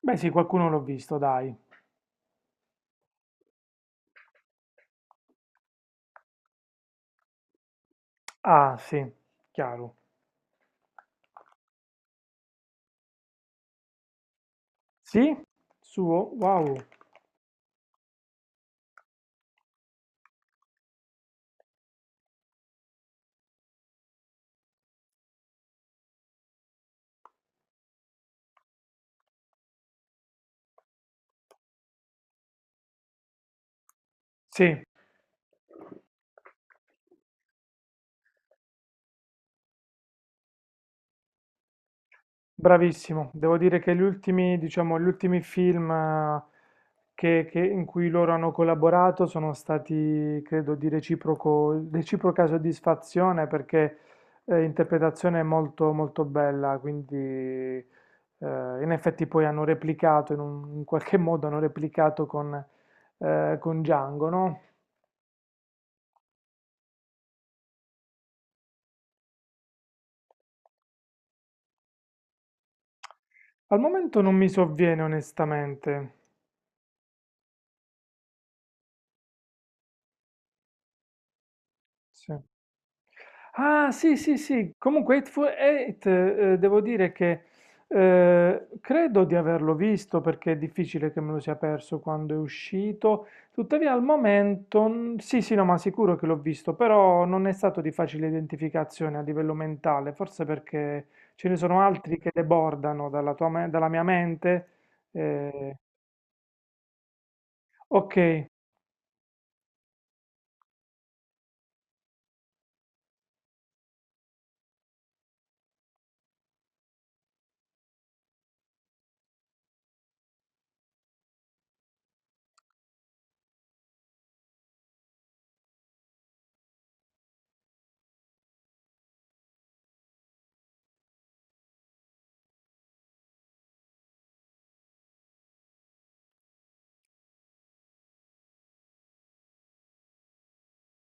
Beh, sì, qualcuno l'ho visto, dai. Ah, sì, chiaro. Sì? Suo? Wow. Sì. Bravissimo, devo dire che gli ultimi, diciamo, gli ultimi film, in cui loro hanno collaborato sono stati, credo, di reciproca soddisfazione, perché interpretazione molto, molto bella. Quindi in effetti poi hanno replicato, in qualche modo hanno replicato con Django, no? Al momento non mi sovviene onestamente. Sì. Ah, sì, sì, sì. Comunque, Hateful Eight, devo dire che credo di averlo visto, perché è difficile che me lo sia perso quando è uscito. Tuttavia, al momento, sì, sì, no, ma sicuro che l'ho visto, però non è stato di facile identificazione a livello mentale, forse perché ce ne sono altri che debordano dalla mia mente. Eh, ok.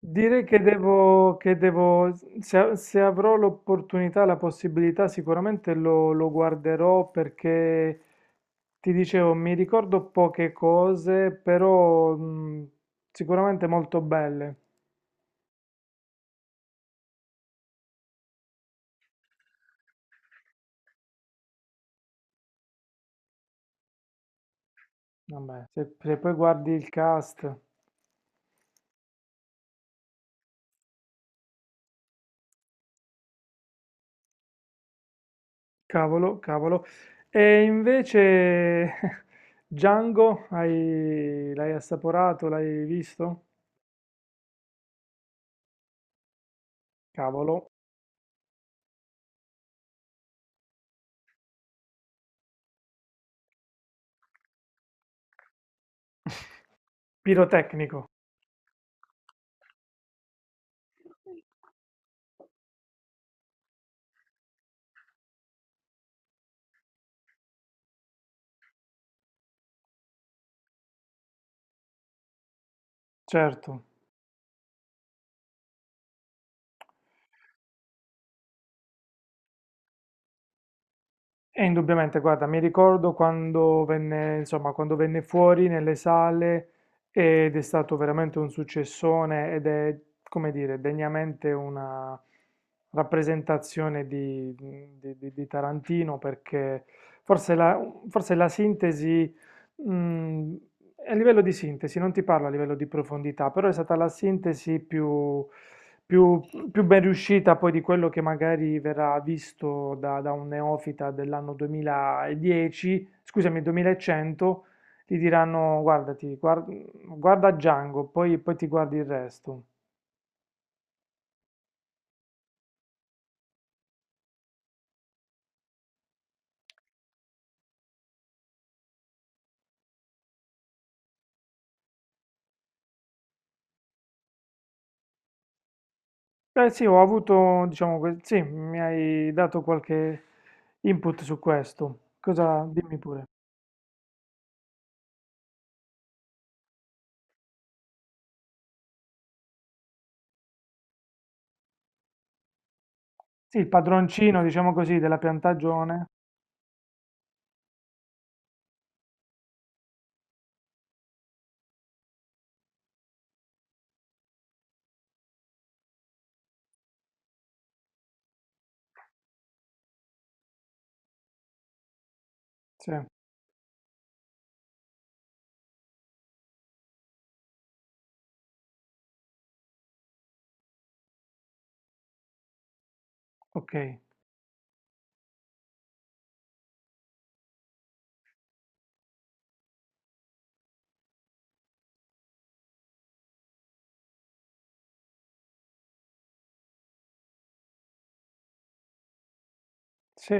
Direi che devo, se avrò l'opportunità, la possibilità, sicuramente lo guarderò, perché ti dicevo, mi ricordo poche cose, però sicuramente molto belle. Vabbè, se poi guardi il cast, cavolo, cavolo. E invece Django, l'hai assaporato, l'hai visto? Cavolo. Pirotecnico, certo. E indubbiamente, guarda, mi ricordo quando venne, insomma, quando venne fuori nelle sale, ed è stato veramente un successone, ed è, come dire, degnamente una rappresentazione di Tarantino, perché forse la, forse la sintesi, mh, a livello di sintesi, non ti parlo a livello di profondità, però è stata la sintesi più- più ben riuscita, poi, di quello che magari verrà visto da un neofita dell'anno 2010, scusami, 2100. Gli diranno: guarda Django, poi ti guardi il resto. Beh, sì, ho avuto, diciamo, sì, mi hai dato qualche input su questo. Cosa, dimmi pure. Sì, il padroncino, diciamo così, della piantagione. Sì, ok. Sì,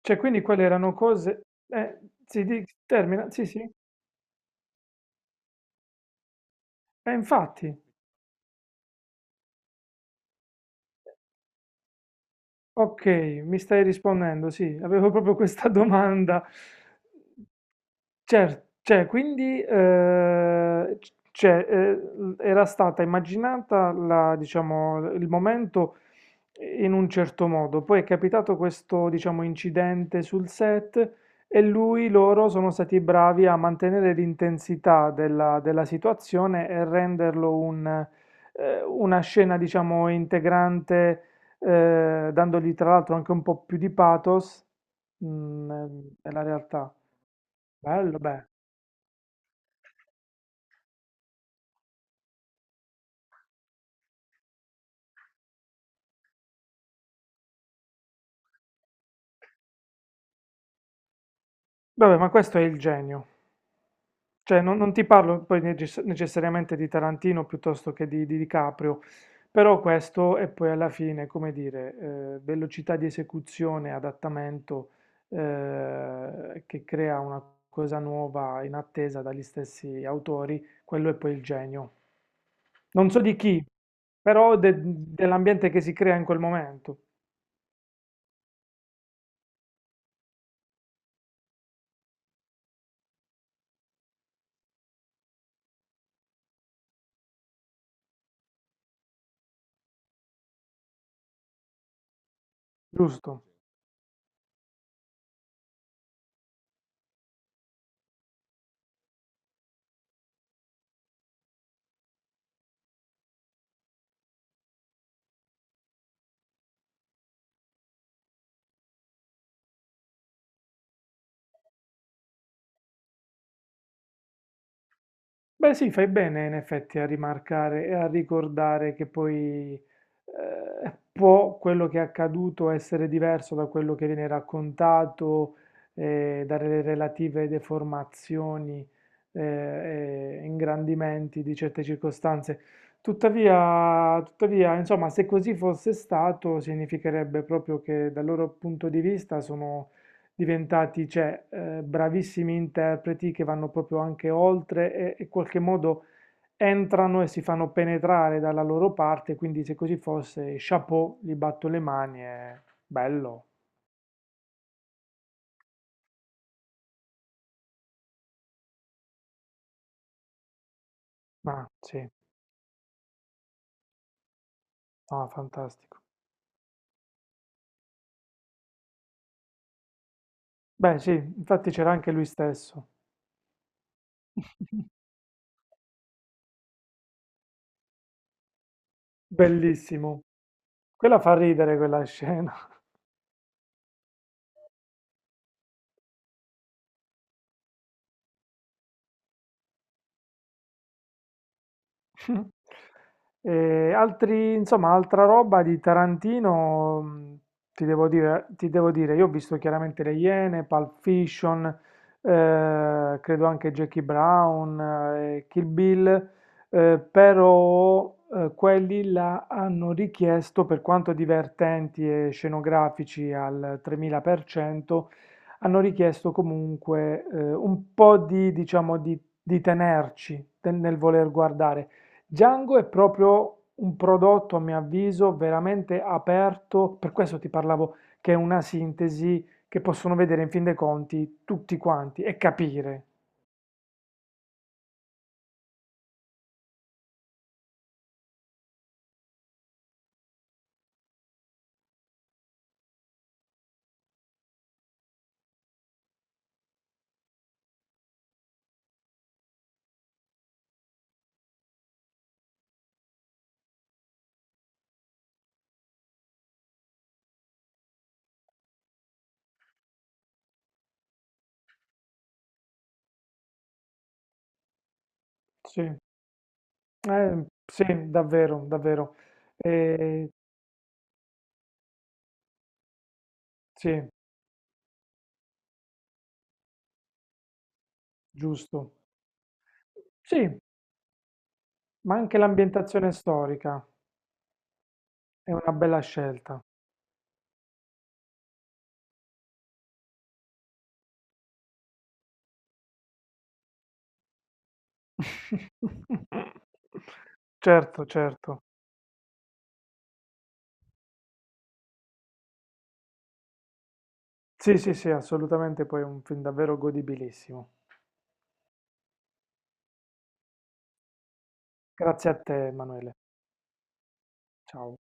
cioè, quindi quelle erano cose, eh, sì, di termina, sì, sì. Infatti, ok, mi stai rispondendo, sì, avevo proprio questa domanda. Cer Cioè, quindi, c cioè, era stata immaginata la diciamo, il momento in un certo modo, poi è capitato questo, diciamo, incidente sul set, e lui loro sono stati bravi a mantenere l'intensità della situazione e renderlo un una scena, diciamo, integrante, dandogli tra l'altro anche un po' più di pathos, mhmm, nel nella realtà. Bello, be Vabbè, ma questo è il genio. Cioè, non ti parlo poi necessariamente di Tarantino, piuttosto che di DiCaprio, però questo è poi alla fine, come dire, velocità di esecuzione, adattamento, che crea una cosa nuova in attesa dagli stessi autori. Quello è poi il genio. Non so di chi, però dell'ambiente che si crea in quel momento, giusto? Beh, sì, fai bene in effetti a rimarcare e a ricordare che poi, può quello che è accaduto essere diverso da quello che viene raccontato, dalle relative deformazioni e ingrandimenti di certe circostanze. Tuttavia, insomma, se così fosse stato, significherebbe proprio che dal loro punto di vista sono diventati, cioè, bravissimi interpreti, che vanno proprio anche oltre e in qualche modo entrano e si fanno penetrare dalla loro parte. Quindi, se così fosse, chapeau, gli batto le mani, è bello. Ma sì, no, fantastico. Beh, sì, infatti c'era anche lui stesso. Bellissimo. Quella fa ridere quella scena. E altri, insomma, altra roba di Tarantino, ti devo dire, io ho visto chiaramente Le Iene, Pulp Fiction, credo anche Jackie Brown, Kill Bill, però quelli là hanno richiesto, per quanto divertenti e scenografici al 3000%, hanno richiesto comunque, un po' di, diciamo, di tenerci nel voler guardare. Django è proprio un prodotto, a mio avviso, veramente aperto, per questo ti parlavo, che è una sintesi che possono vedere, in fin dei conti, tutti quanti e capire. Sì, eh, sì, davvero, davvero. Eh, sì, giusto. Sì, ma anche l'ambientazione storica è una bella scelta. Certo, certo. Sì, sì, sì, assolutamente, poi è un film davvero godibilissimo. Grazie a te, Emanuele. Ciao.